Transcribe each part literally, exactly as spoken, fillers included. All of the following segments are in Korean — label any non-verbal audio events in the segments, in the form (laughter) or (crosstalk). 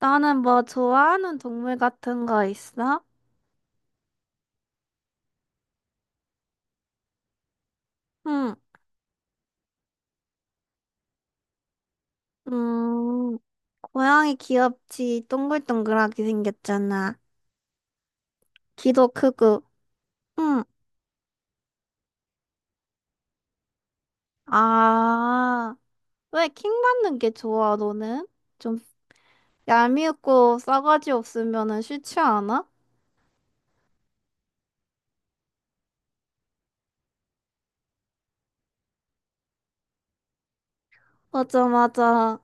나는 뭐 좋아하는 동물 같은 거 있어? 응. 음, 고양이 귀엽지. 동글동글하게 생겼잖아. 귀도 크고. 응. 아, 왜 킹 받는 게 좋아, 너는? 좀 얄미우고 싸가지 없으면은 싫지 않아? 맞아, 맞아.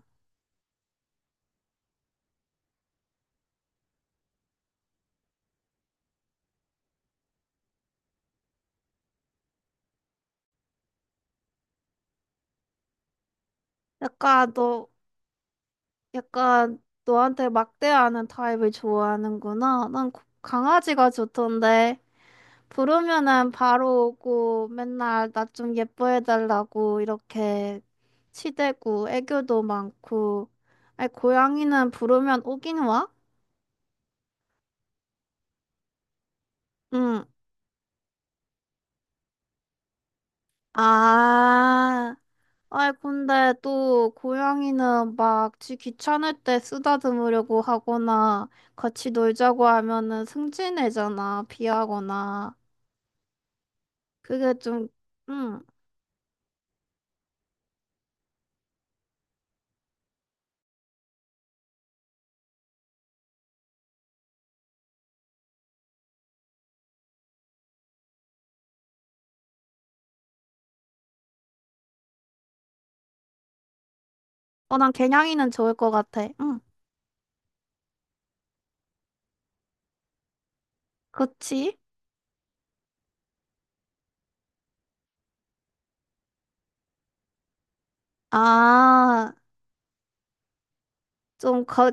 약간 너, 약간 너한테 막대하는 타입을 좋아하는구나. 난 고- 강아지가 좋던데. 부르면은 바로 오고 맨날 나 좀 예뻐해달라고 이렇게 치대고 애교도 많고. 아니, 고양이는 부르면 오긴 와? 응. 아, 아이, 근데 또 고양이는 막 지 귀찮을 때 쓰다듬으려고 하거나 같이 놀자고 하면은 승진해잖아, 비하거나. 그게 좀, 응. 어, 난 개냥이는 좋을 것 같아. 응. 그치? 아, 좀 거,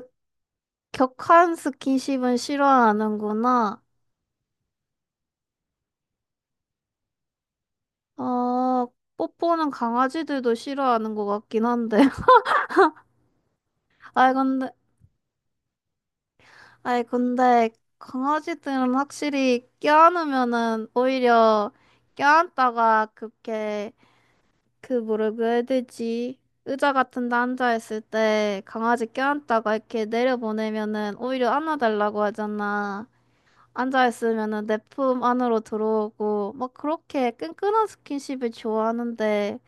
격한 스킨십은 싫어하는구나. 어, 뽀뽀는 강아지들도 싫어하는 것 같긴 한데. (laughs) 아이, 근데, 아이, 근데, 강아지들은 확실히 껴안으면은 오히려 껴안다가 그렇게, 그 뭐라고 해야 되지? 의자 같은 데 앉아있을 때 강아지 껴안다가 이렇게 내려보내면은 오히려 안아달라고 하잖아. 앉아있으면은 내 품 안으로 들어오고, 막 그렇게 끈끈한 스킨십을 좋아하는데,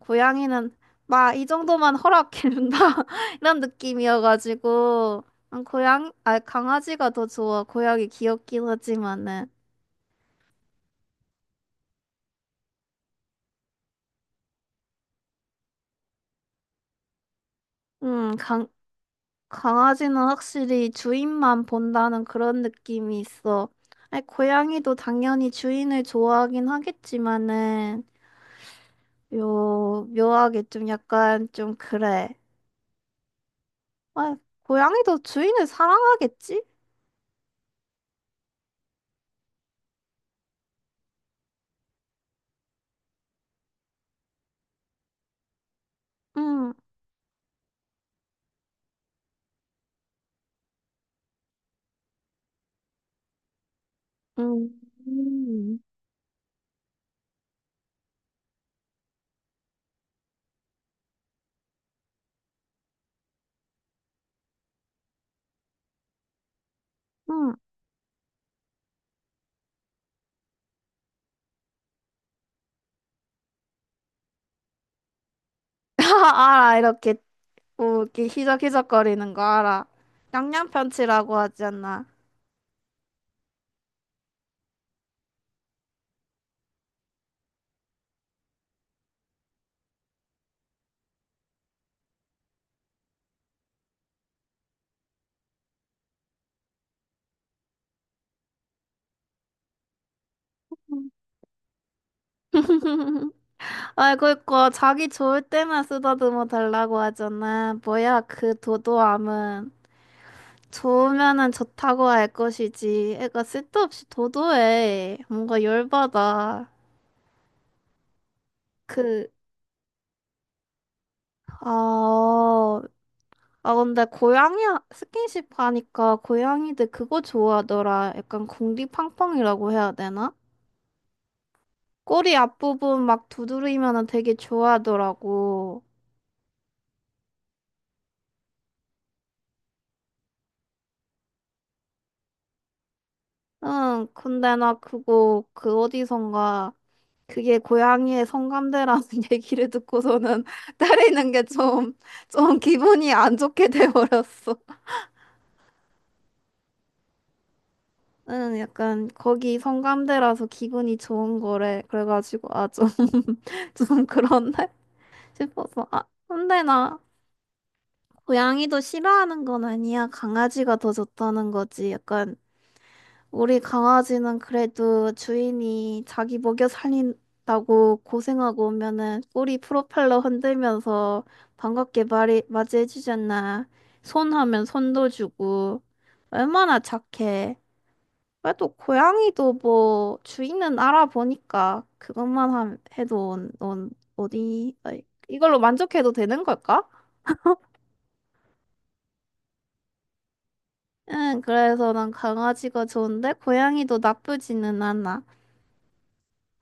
고양이는 막 이 정도만 허락해준다? (laughs) 이런 느낌이어가지고, 난 고양, 아, 강아지가 더 좋아. 고양이 귀엽긴 하지만은. 음, 강, 강아지는 확실히 주인만 본다는 그런 느낌이 있어. 아니, 고양이도 당연히 주인을 좋아하긴 하겠지만은, 요, 묘하게 좀 약간 좀 그래. 아, 고양이도 주인을 사랑하겠지? 응, 응 응 응. (laughs) 알아, 이렇게, 뭐, 이렇게 희적희적거리는 거 알아. 양양편치라고 하지 않나? (laughs) 아이, 그니까, 자기 좋을 때만 쓰다듬어 달라고 하잖아. 뭐야, 그 도도함은. 좋으면은 좋다고 할 것이지. 애가 쓸데없이 도도해. 뭔가 열받아. 그, 아, 아, 근데 고양이 스킨십 하니까 고양이들 그거 좋아하더라. 약간 궁디팡팡이라고 해야 되나? 꼬리 앞부분 막 두드리면은 되게 좋아하더라고. 응, 근데 나 그거 그 어디선가 그게 고양이의 성감대라는 (laughs) 얘기를 듣고서는 (laughs) 때리는 게 좀, 좀 기분이 안 좋게 돼버렸어. 응, 약간 거기 성감대라서 기분이 좋은 거래. 그래가지고 아, 좀, (laughs) 좀 그렇네. 싶어서. 아, 근데 나 고양이도 싫어하는 건 아니야. 강아지가 더 좋다는 거지. 약간 우리 강아지는 그래도 주인이 자기 먹여 살린다고 고생하고 오면은 꼬리 프로펠러 흔들면서 반갑게 말이 맞이해 주잖아. 손 하면 손도 주고. 얼마나 착해. 그래도 고양이도 뭐 주인은 알아보니까 그것만 함- 해도 넌 어디 아니, 이걸로 만족해도 되는 걸까? 응, 그래서 난 강아지가 좋은데 고양이도 나쁘지는 않아.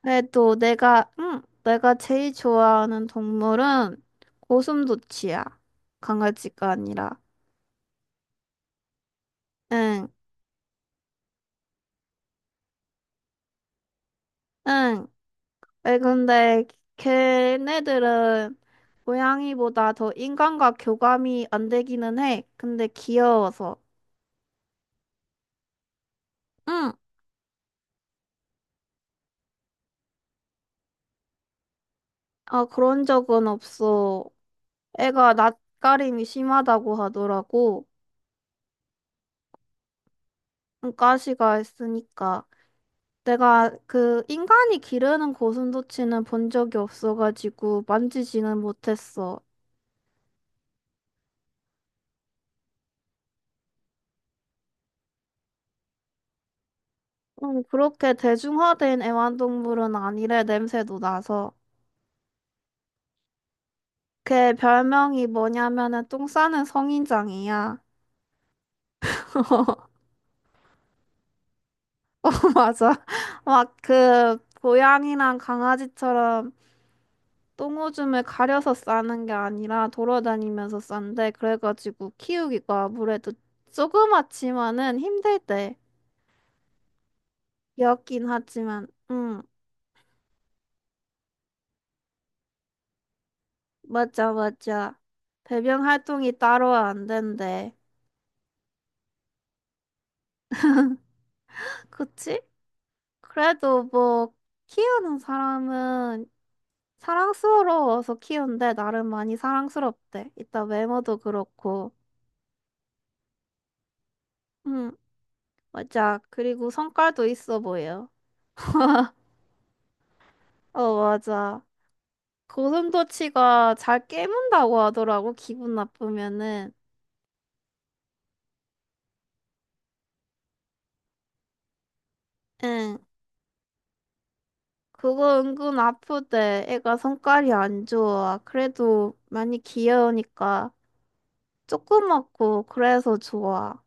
그래도 내가, 응, 내가 제일 좋아하는 동물은 고슴도치야. 강아지가 아니라. 응, 응. 왜 근데 걔네들은 고양이보다 더 인간과 교감이 안 되기는 해. 근데 귀여워서. 응, 아, 그런 적은 없어. 애가 낯가림이 심하다고 하더라고. 응, 가시가 있으니까. 내가 그 인간이 기르는 고슴도치는 본 적이 없어가지고 만지지는 못했어. 음, 그렇게 대중화된 애완동물은 아니래, 냄새도 나서. 걔 별명이 뭐냐면은 똥 싸는 성인장이야. (laughs) 맞아. 막 그 고양이랑 강아지처럼 똥오줌을 가려서 싸는 게 아니라 돌아다니면서 싼데 그래가지고 키우기가 아무래도 조그맣지만은 힘들대. 귀엽긴 하지만, 응. 맞아, 맞아. 배변 활동이 따로 안 된대. 그치? 그래도 뭐, 키우는 사람은 사랑스러워서 키운대. 나름 많이 사랑스럽대. 이따 외모도 그렇고. 응, 맞아. 그리고 성깔도 있어 보여. 어, 맞아. 고슴도치가 잘 깨문다고 하더라고, 기분 나쁘면은. 응. 그거 은근 아프대. 애가 성깔이 안 좋아. 그래도 많이 귀여우니까. 조그맣고 그래서 좋아.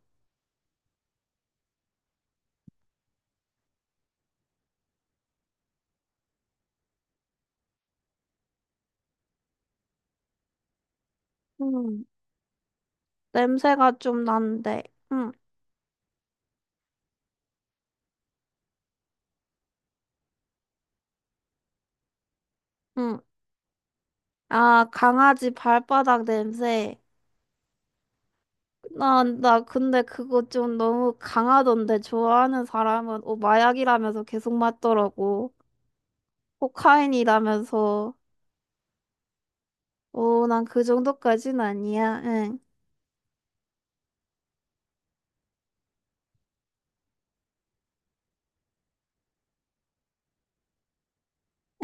음, 냄새가 좀 난데. 응, 응. 아, 강아지 발바닥 냄새. 나, 나 근데 그거 좀 너무 강하던데 좋아하는 사람은 어, 마약이라면서 계속 맞더라고. 코카인이라면서. 오, 난 그 정도까진 아니야. 응,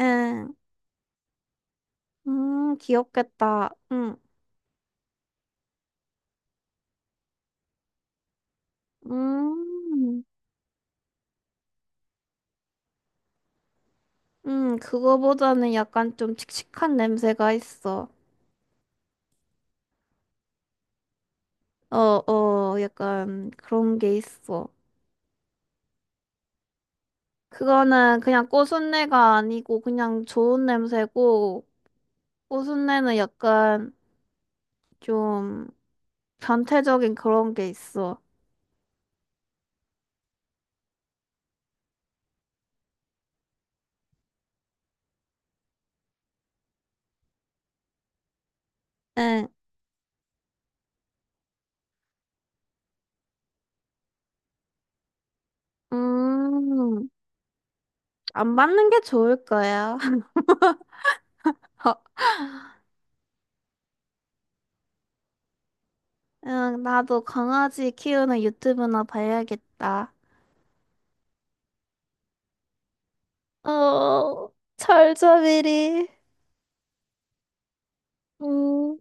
응. 음, 귀엽겠다. 응, 음, 음, 그거보다는 약간 좀 칙칙한 냄새가 있어. 어, 어, 약간 그런 게 있어. 그거는 그냥 꽃순내가 아니고 그냥 좋은 냄새고, 꽃순내는 약간 좀 변태적인 그런 게 있어. 응, 음, 안 받는 게 좋을 거야. (laughs) 어, 응, 나도 강아지 키우는 유튜브나 봐야겠다. 어, 철저미리. 음.